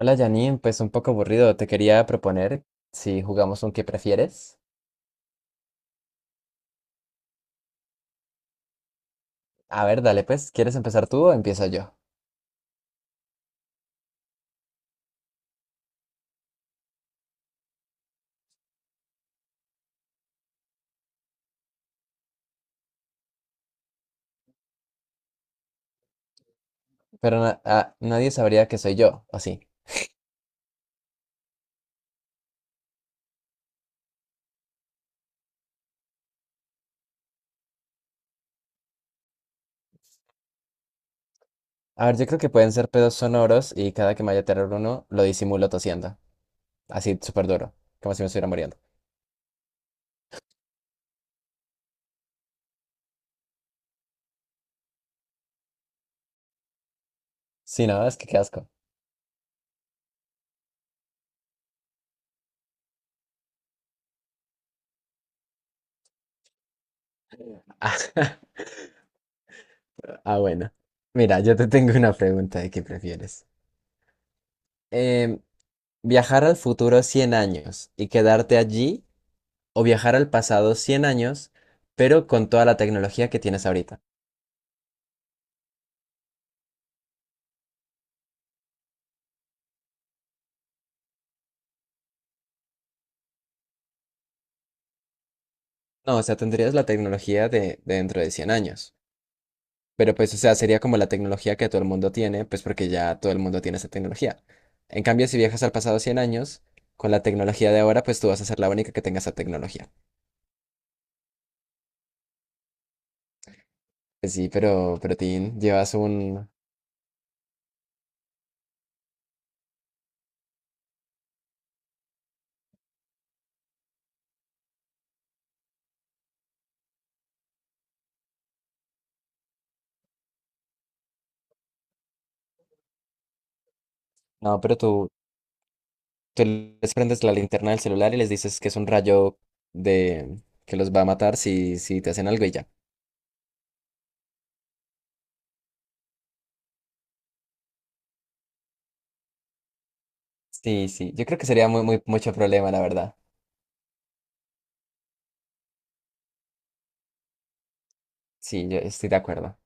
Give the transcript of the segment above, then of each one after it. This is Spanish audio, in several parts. Hola Janine, pues un poco aburrido. Te quería proponer si jugamos un qué prefieres. A ver, dale pues, ¿quieres empezar tú o empiezo yo? Pero nadie sabría que soy yo, ¿o sí? A ver, yo creo que pueden ser pedos sonoros y cada que me vaya a tirar uno lo disimulo tosiendo. Así súper duro, como si me estuviera muriendo. Sí, no, es que qué asco. Ah, bueno. Mira, yo te tengo una pregunta de qué prefieres. Em, viajar al futuro 100 años y quedarte allí o viajar al pasado 100 años, pero con toda la tecnología que tienes ahorita. No, o sea, tendrías la tecnología de dentro de 100 años, pero pues, o sea, sería como la tecnología que todo el mundo tiene, pues porque ya todo el mundo tiene esa tecnología. En cambio, si viajas al pasado 100 años, con la tecnología de ahora, pues tú vas a ser la única que tenga esa tecnología. Pues sí, pero Tin, llevas un... No, pero tú les prendes la linterna del celular y les dices que es un rayo de... que los va a matar si te hacen algo y ya. Sí, sí. Yo creo que sería muy, muy, mucho problema, la verdad. Sí, yo estoy de acuerdo.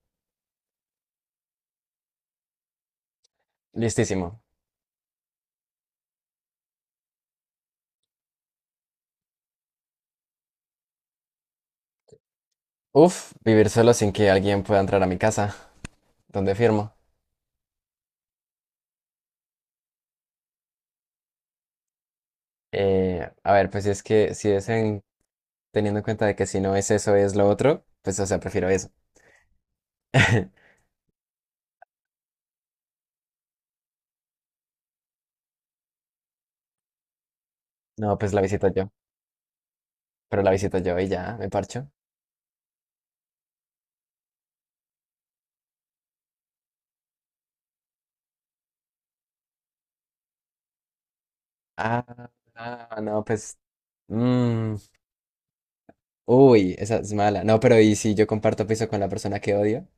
Listísimo. Uf, vivir solo sin que alguien pueda entrar a mi casa. ¿Dónde firmo? A ver, pues es que si teniendo en cuenta de que si no es eso, es lo otro, pues o sea, prefiero eso. No, pues la visito yo. Pero la visito yo y ya, me parcho. Ah, ah, no, pues. mm, Uy, esa es mala. No, pero ¿y si yo comparto piso con la persona que odio?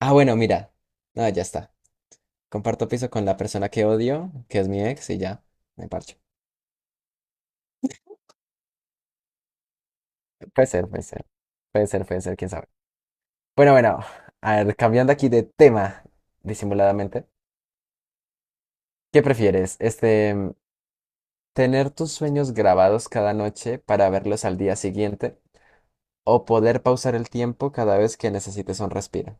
Ah, bueno, mira. No, ya está. Comparto piso con la persona que odio, que es mi ex, y ya, me parcho. Puede ser, puede ser. Puede ser, puede ser, quién sabe. Bueno, bueno, a ver, cambiando aquí de tema, disimuladamente. ¿Qué prefieres? Este, tener tus sueños grabados cada noche para verlos al día siguiente o poder pausar el tiempo cada vez que necesites un respiro.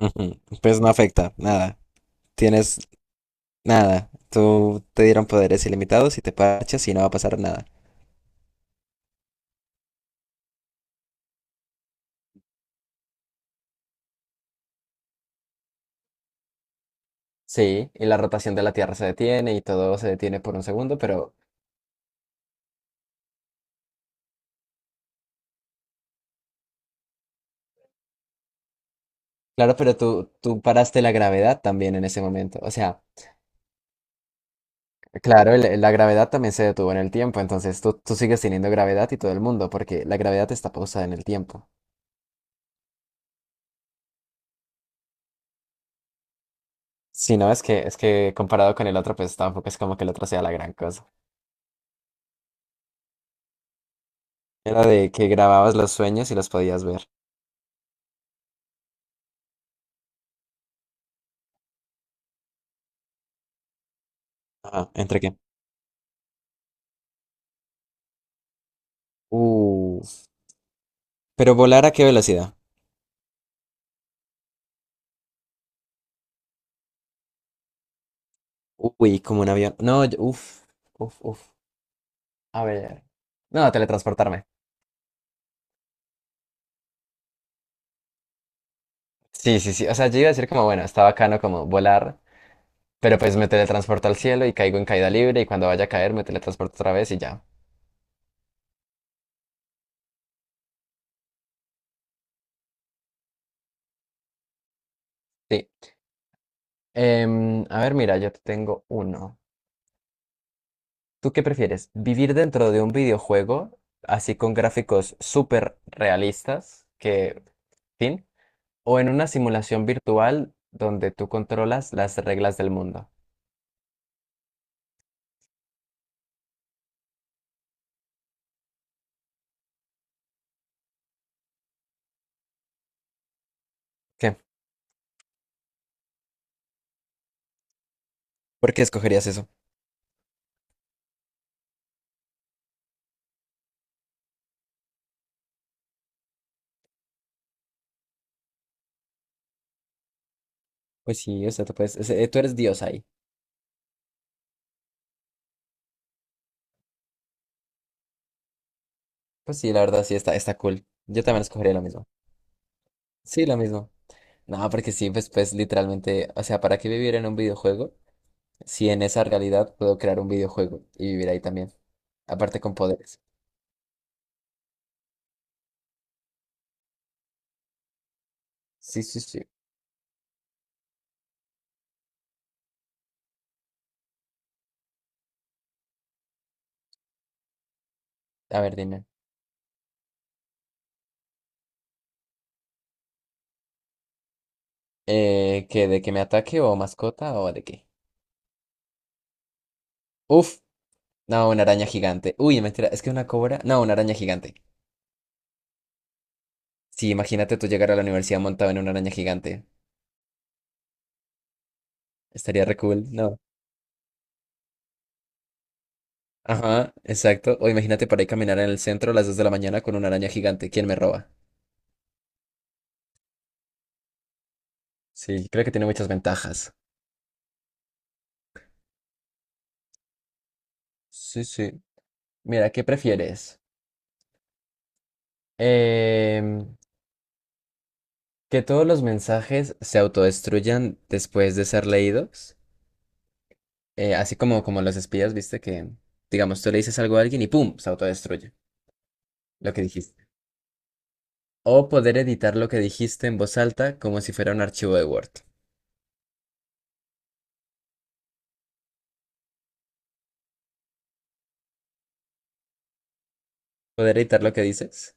Ujú, pues no afecta, nada. Tienes nada. Tú te dieron poderes ilimitados y te parchas y no va a pasar nada. Sí, y la rotación de la Tierra se detiene y todo se detiene por un segundo, pero claro, pero tú paraste la gravedad también en ese momento. O sea, claro, la gravedad también se detuvo en el tiempo, entonces tú sigues teniendo gravedad y todo el mundo, porque la gravedad está pausada en el tiempo. Si no, es que comparado con el otro, pues tampoco es como que el otro sea la gran cosa. Era de que grababas los sueños y los podías ver. Ajá, ¿entre qué? Uh, pero volar ¿a qué velocidad? Uy, como un avión. No, uf, uf, uf. A ver. No, teletransportarme. Sí, sí, sí. O sea, yo iba a decir como, bueno, está bacano como volar, pero pues me teletransporto al cielo y caigo en caída libre y cuando vaya a caer me teletransporto otra vez y ya. Sí. A ver, mira, yo te tengo uno. ¿Tú qué prefieres? ¿Vivir dentro de un videojuego, así con gráficos súper realistas, que, fin, o en una simulación virtual donde tú controlas las reglas del mundo? ¿Qué? ¿Por qué escogerías eso? Pues sí, o sea, tú puedes, tú eres Dios ahí. Pues sí, la verdad sí está, está cool. Yo también escogería lo mismo. Sí, lo mismo. No, porque sí, pues, pues literalmente, o sea, ¿para qué vivir en un videojuego si en esa realidad puedo crear un videojuego y vivir ahí también? Aparte con poderes. Sí, sí, sí. A ver, dime. ¿Que de que me ataque o mascota o de qué? Uf, no, una araña gigante. Uy, mentira, es que una cobra. No, una araña gigante. Sí, imagínate tú llegar a la universidad montado en una araña gigante. Estaría re cool, ¿no? Ajá, exacto. O imagínate para ir caminar en el centro a las 2 de la mañana con una araña gigante. ¿Quién me roba? Sí, creo que tiene muchas ventajas. Sí, sí. Mira, ¿qué prefieres? Em, que todos los mensajes se autodestruyan después de ser leídos, así como los espías, viste que, digamos, tú le dices algo a alguien y ¡pum! Se autodestruye lo que dijiste. O poder editar lo que dijiste en voz alta como si fuera un archivo de Word. ¿Poder editar lo que dices?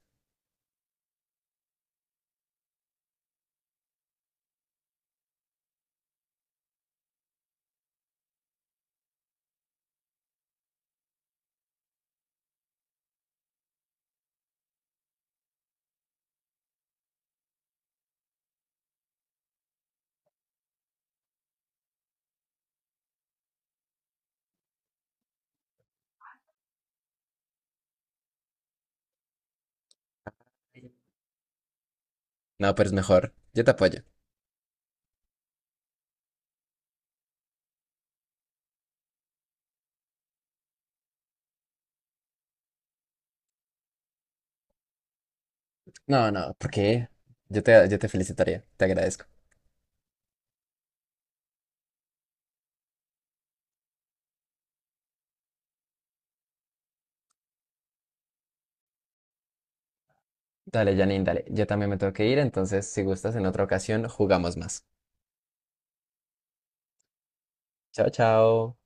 No, pero es mejor. Yo te apoyo. No, no, ¿por qué? Yo te felicitaría, te agradezco. Dale, Janine, dale. Yo también me tengo que ir, entonces si gustas en otra ocasión jugamos más. Chao, chao.